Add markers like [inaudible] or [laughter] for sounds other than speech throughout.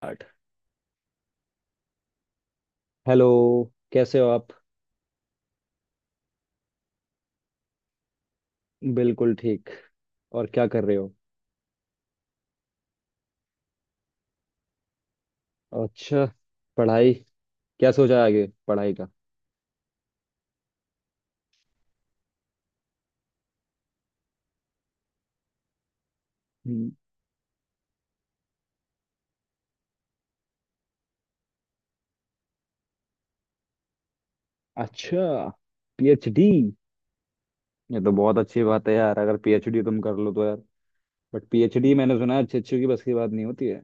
आठ। हेलो, कैसे हो आप? बिल्कुल ठीक। और क्या कर रहे हो? अच्छा, पढ़ाई। क्या सोचा है आगे पढ़ाई का? हम्म। अच्छा, पीएचडी। ये तो बहुत अच्छी बात है यार, अगर पीएचडी तुम कर लो तो यार। बट पीएचडी मैंने सुना है अच्छे अच्छे की बस की बात नहीं होती है।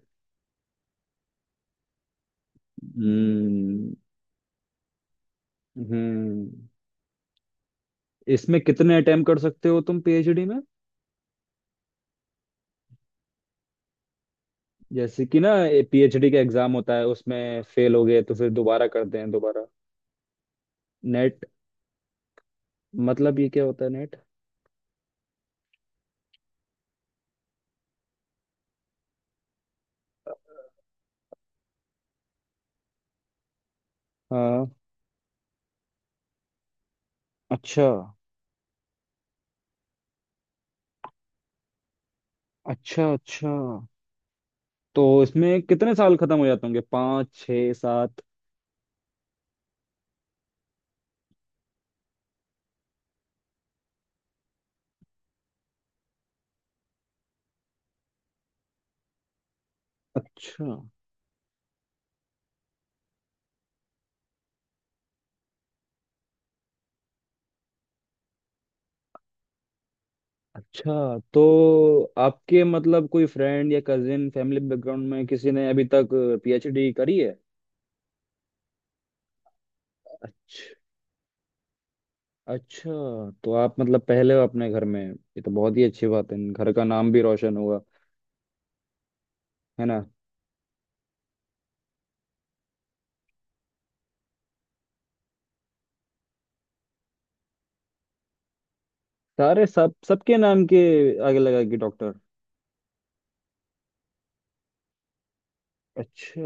हम्म हम्म, इसमें कितने अटेम्प्ट कर सकते हो तुम पीएचडी में? जैसे कि ना, पीएचडी का एग्जाम होता है, उसमें फेल हो गए तो फिर दोबारा करते हैं दोबारा। नेट मतलब ये क्या होता है, नेट? हाँ, अच्छा अच्छा। अच्छा, तो इसमें कितने साल खत्म हो जाते होंगे, 5 6 7? अच्छा अच्छा, तो आपके मतलब कोई फ्रेंड या कजिन फैमिली बैकग्राउंड में किसी ने अभी तक पीएचडी करी है? अच्छा। अच्छा, तो आप मतलब पहले हो अपने घर में, ये तो बहुत ही अच्छी बात है, घर का नाम भी रोशन हुआ, है ना? सारे सब, सबके नाम के आगे लगा कि डॉक्टर। अच्छा।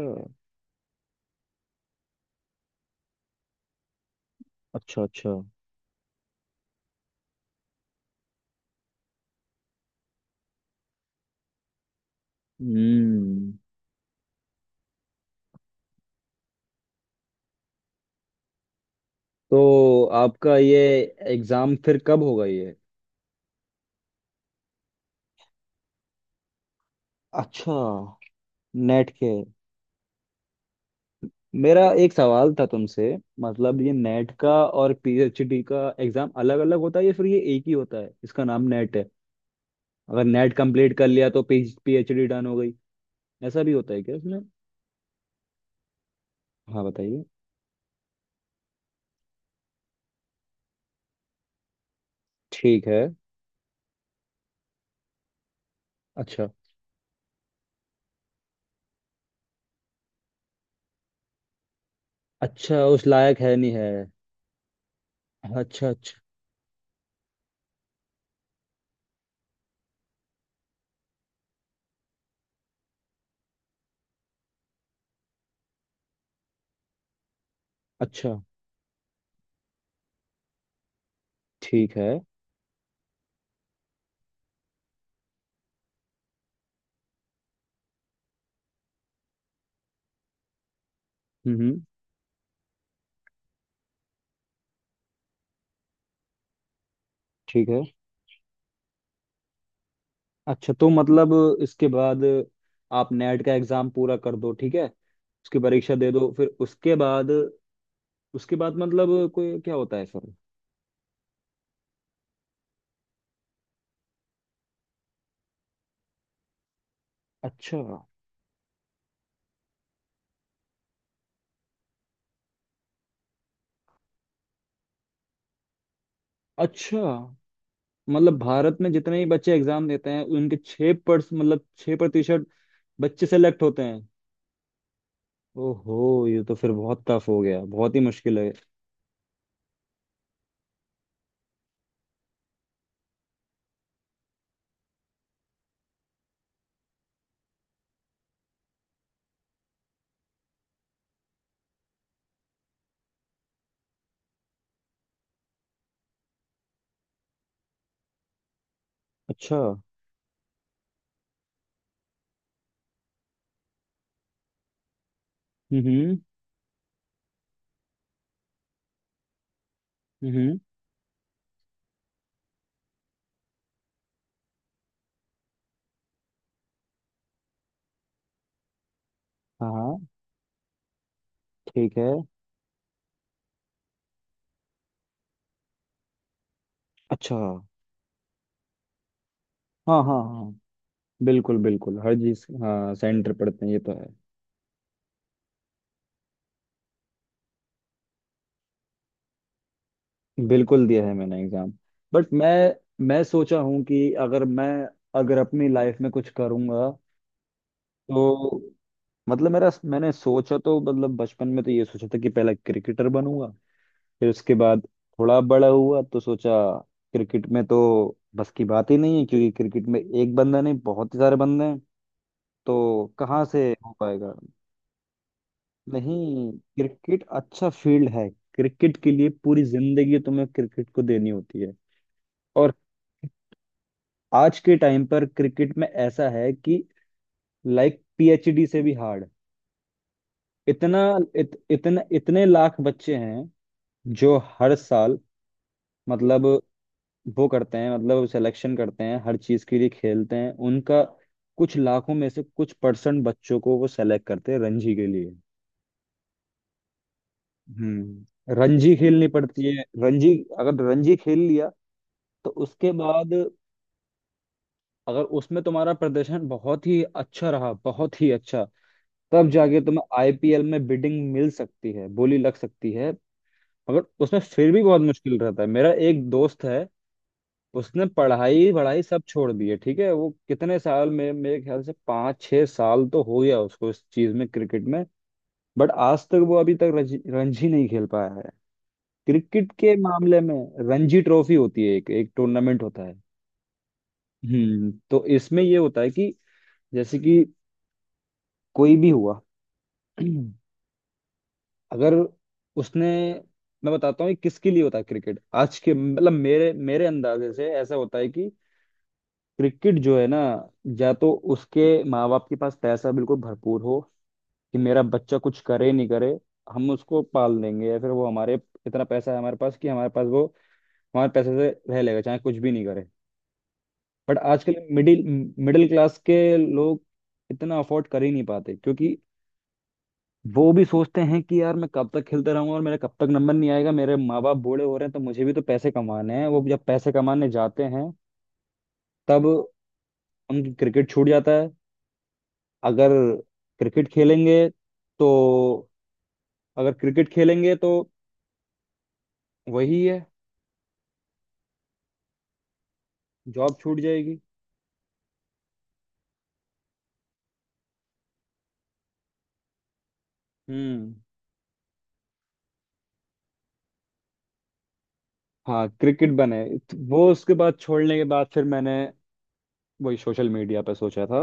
अच्छा। अच्छा। हम्म। तो आपका ये एग्जाम फिर कब होगा, ये? अच्छा, नेट के। मेरा एक सवाल था तुमसे, मतलब ये नेट का और पीएचडी का एग्जाम अलग अलग होता है, या फिर ये एक ही होता है, इसका नाम नेट है? अगर नेट कंप्लीट कर लिया तो पीएचडी डन हो गई, ऐसा भी होता है क्या इसमें? हाँ बताइए। ठीक है। अच्छा अच्छा उस लायक है नहीं है। अच्छा अच्छा। अच्छा। ठीक है। हम्म हम्म, ठीक है। अच्छा, तो मतलब इसके बाद आप नेट का एग्जाम पूरा कर दो, ठीक है, उसकी परीक्षा दे दो, फिर उसके बाद, उसके बाद मतलब कोई क्या होता है सर? अच्छा। अच्छा, मतलब भारत में जितने ही बच्चे एग्जाम देते हैं उनके छः पर्स मतलब 6% बच्चे सेलेक्ट होते हैं? ओहो, ये तो फिर बहुत टफ हो गया, बहुत ही मुश्किल है। अच्छा। हम्म हम्म। हाँ, ठीक है। अच्छा। हाँ हाँ हाँ, बिल्कुल बिल्कुल, हर चीज, हाँ, सेंटर पढ़ते हैं, ये तो है। बिल्कुल, दिया है मैंने एग्जाम। बट मैं सोचा हूँ कि अगर मैं, अगर अपनी लाइफ में कुछ करूँगा तो, मतलब मेरा, मैंने सोचा तो मतलब बचपन में तो ये सोचा था कि पहले क्रिकेटर बनूंगा, फिर उसके बाद थोड़ा बड़ा हुआ तो सोचा क्रिकेट में तो बस की बात ही नहीं है, क्योंकि क्रिकेट में एक बंदा नहीं, बहुत ही सारे बंदे हैं, तो कहाँ से हो पाएगा। नहीं, क्रिकेट अच्छा फील्ड है, क्रिकेट के लिए पूरी जिंदगी तुम्हें क्रिकेट को देनी होती है। और आज के टाइम पर क्रिकेट में ऐसा है कि लाइक पीएचडी से भी हार्ड, इतना, इत, इतने इतने लाख बच्चे हैं जो हर साल, मतलब वो करते हैं, मतलब सिलेक्शन करते हैं, हर चीज के लिए खेलते हैं, उनका कुछ लाखों में से कुछ परसेंट बच्चों को वो सेलेक्ट करते हैं रणजी के लिए। हम्म, रणजी खेलनी पड़ती है रणजी, अगर रणजी खेल लिया तो उसके बाद, अगर उसमें तुम्हारा प्रदर्शन बहुत ही अच्छा रहा, बहुत ही अच्छा, तब जाके तुम्हें आईपीएल में बिडिंग मिल सकती है, बोली लग सकती है। मगर उसमें फिर भी बहुत मुश्किल रहता है। मेरा एक दोस्त है, उसने पढ़ाई वढ़ाई सब छोड़ दी है, ठीक है, वो कितने साल में, मेरे ख्याल से 5 6 साल तो हो गया उसको इस चीज में, क्रिकेट में, बट आज तक वो अभी तक रणजी नहीं खेल पाया है क्रिकेट के मामले में। रणजी ट्रॉफी होती है, एक एक टूर्नामेंट होता है। हम्म, तो इसमें ये होता है कि जैसे कि कोई भी हुआ, [clears throat] अगर उसने, मैं बताता हूँ ये किसके लिए होता है, क्रिकेट आज के, मतलब मेरे मेरे अंदाजे से ऐसा होता है कि क्रिकेट जो है ना, या तो उसके माँ बाप के पास पैसा बिल्कुल भरपूर हो कि मेरा बच्चा कुछ करे नहीं करे, हम उसको पाल देंगे, या फिर वो हमारे, इतना पैसा है हमारे पास कि हमारे पास वो, हमारे पैसे से रह लेगा चाहे कुछ भी नहीं करे। बट आजकल मिडिल मिडिल क्लास के लोग इतना अफोर्ड कर ही नहीं पाते, क्योंकि वो भी सोचते हैं कि यार मैं कब तक खेलते रहूंगा और मेरा कब तक नंबर नहीं आएगा, मेरे माँ बाप बूढ़े हो रहे हैं, तो मुझे भी तो पैसे कमाने हैं, वो जब पैसे कमाने जाते हैं तब उनकी क्रिकेट छूट जाता है। अगर क्रिकेट खेलेंगे तो, अगर क्रिकेट खेलेंगे तो वही है, जॉब छूट जाएगी। हम्म। हाँ, क्रिकेट बने, वो उसके बाद, छोड़ने के बाद फिर मैंने वही सोशल मीडिया पे सोचा था।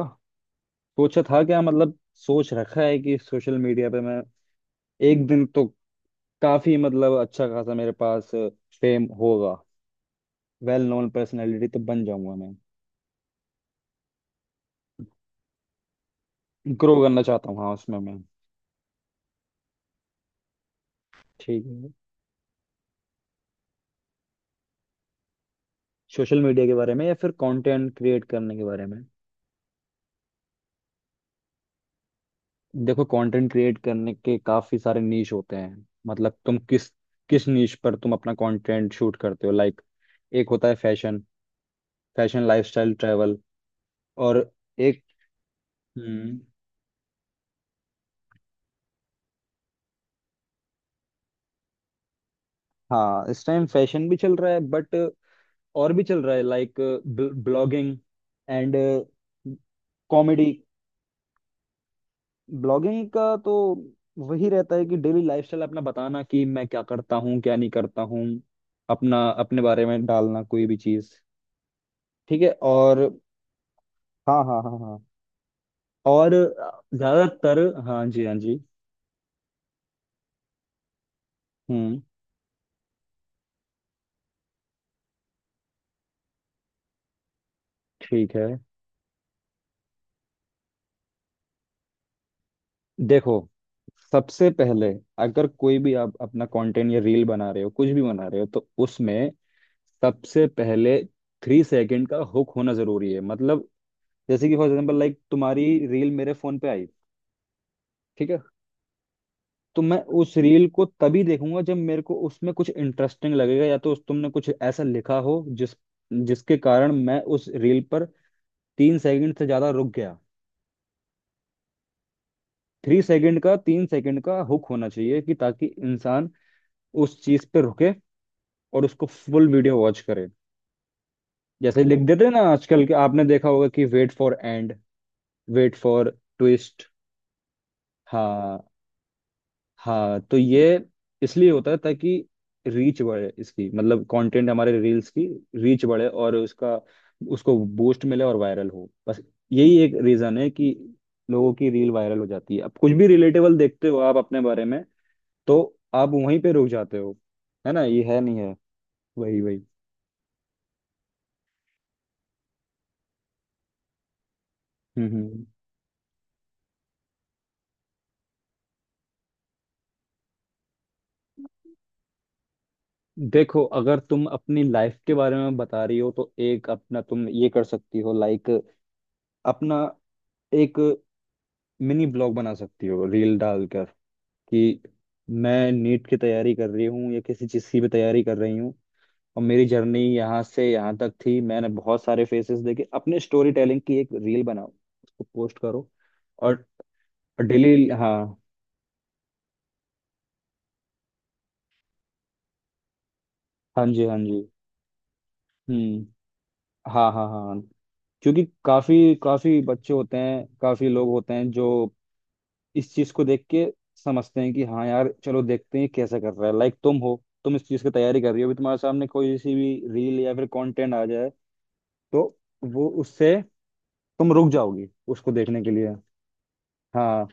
सोचा था क्या, मतलब सोच रखा है कि सोशल मीडिया पे मैं एक दिन तो काफी, मतलब अच्छा खासा मेरे पास फेम होगा, वेल नोन पर्सनैलिटी तो बन जाऊंगा मैं। ग्रो करना चाहता हूँ, हाँ उसमें मैं। ठीक है। सोशल मीडिया के बारे में या फिर कंटेंट क्रिएट करने के बारे में? देखो, कंटेंट क्रिएट करने के काफी सारे नीश होते हैं, मतलब तुम किस किस नीश पर तुम अपना कंटेंट शूट करते हो, लाइक एक होता है फैशन, फैशन लाइफस्टाइल ट्रैवल, और एक। हम्म, हाँ इस टाइम फैशन भी चल रहा है, बट और भी चल रहा है, like blogging and comedy. Blogging का तो वही रहता है कि डेली लाइफस्टाइल अपना बताना कि मैं क्या करता हूँ, क्या नहीं करता हूँ, अपना, अपने बारे में डालना, कोई भी चीज, ठीक है। और हाँ हाँ हाँ हाँ, और ज्यादातर, हाँ जी हाँ जी। हम्म, ठीक है। देखो, सबसे पहले, अगर कोई भी आप अपना कंटेंट या रील बना रहे हो, कुछ भी बना रहे हो, तो उसमें सबसे पहले 3 सेकंड का हुक होना जरूरी है, मतलब जैसे कि फॉर एग्जांपल लाइक तुम्हारी रील मेरे फोन पे आई, ठीक है, तो मैं उस रील को तभी देखूंगा जब मेरे को उसमें कुछ इंटरेस्टिंग लगेगा, या तो उस, तुमने कुछ ऐसा लिखा हो जिस, जिसके कारण मैं उस रील पर 3 सेकंड से ज्यादा रुक गया। 3 सेकंड का, 3 सेकंड का हुक होना चाहिए कि ताकि इंसान उस चीज पे रुके और उसको फुल वीडियो वॉच करे। जैसे लिख देते हैं ना आजकल के, आपने देखा होगा कि wait for end, wait for twist. हाँ हाँ, तो ये इसलिए होता है ताकि रीच बढ़े इसकी, मतलब कंटेंट हमारे रील्स की रीच बढ़े और उसका, उसको बूस्ट मिले और वायरल हो, बस। यही एक रीजन है कि लोगों की रील वायरल हो जाती है। अब कुछ भी रिलेटेबल देखते हो आप अपने बारे में, तो आप वहीं पे रुक जाते हो, है ना, ये है नहीं है, वही वही। हम्म। देखो, अगर तुम अपनी लाइफ के बारे में बता रही हो तो एक अपना तुम ये कर सकती हो, लाइक अपना एक मिनी ब्लॉग बना सकती हो रील डालकर कि मैं नीट की तैयारी कर रही हूँ या किसी चीज़ की भी तैयारी कर रही हूँ, और मेरी जर्नी यहाँ से यहाँ तक थी, मैंने बहुत सारे फेसेस देखे अपने, स्टोरी टेलिंग की एक रील बनाओ, उसको पोस्ट करो। और डेली, हाँ हाँ जी हाँ जी, हम्म, हाँ हाँ हाँ, क्योंकि काफी काफी बच्चे होते हैं, काफी लोग होते हैं जो इस चीज को देख के समझते हैं कि हाँ यार चलो देखते हैं कैसे कर रहा है, लाइक तुम हो, तुम इस चीज की तैयारी कर रही हो, अभी तुम्हारे सामने कोई सी भी रील या फिर कंटेंट आ जाए तो वो उससे तुम रुक जाओगी उसको देखने के लिए। हाँ,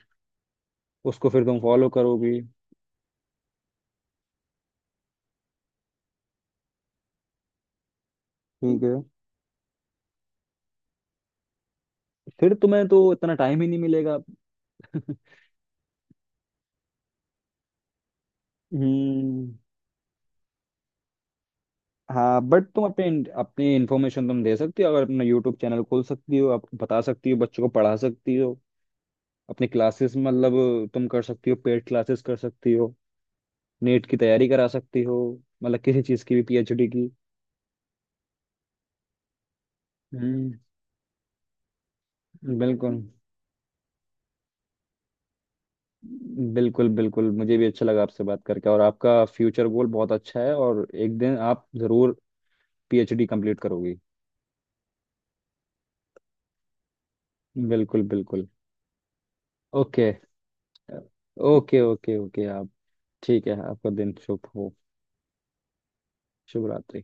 उसको फिर तुम फॉलो करोगी। ठीक है, फिर तुम्हें तो इतना टाइम ही नहीं मिलेगा। [laughs] हम्म। हाँ, बट तुम अपने, अपनी इंफॉर्मेशन तुम दे सकती हो, अगर अपना यूट्यूब चैनल खोल सकती हो, आप बता सकती हो, बच्चों को पढ़ा सकती हो, अपनी क्लासेस, मतलब तुम कर सकती हो, पेड क्लासेस कर सकती हो, नेट की तैयारी करा सकती हो, मतलब किसी चीज़ की भी, पीएचडी की। हम्म, बिल्कुल। बिल्कुल बिल्कुल, मुझे भी अच्छा लगा आपसे बात करके, और आपका फ्यूचर गोल बहुत अच्छा है, और एक दिन आप जरूर पीएचडी कंप्लीट करोगी। बिल्कुल बिल्कुल। ओके। ओके ओके ओके आप, ठीक है, आपका दिन शुभ हो। शुभ रात्रि।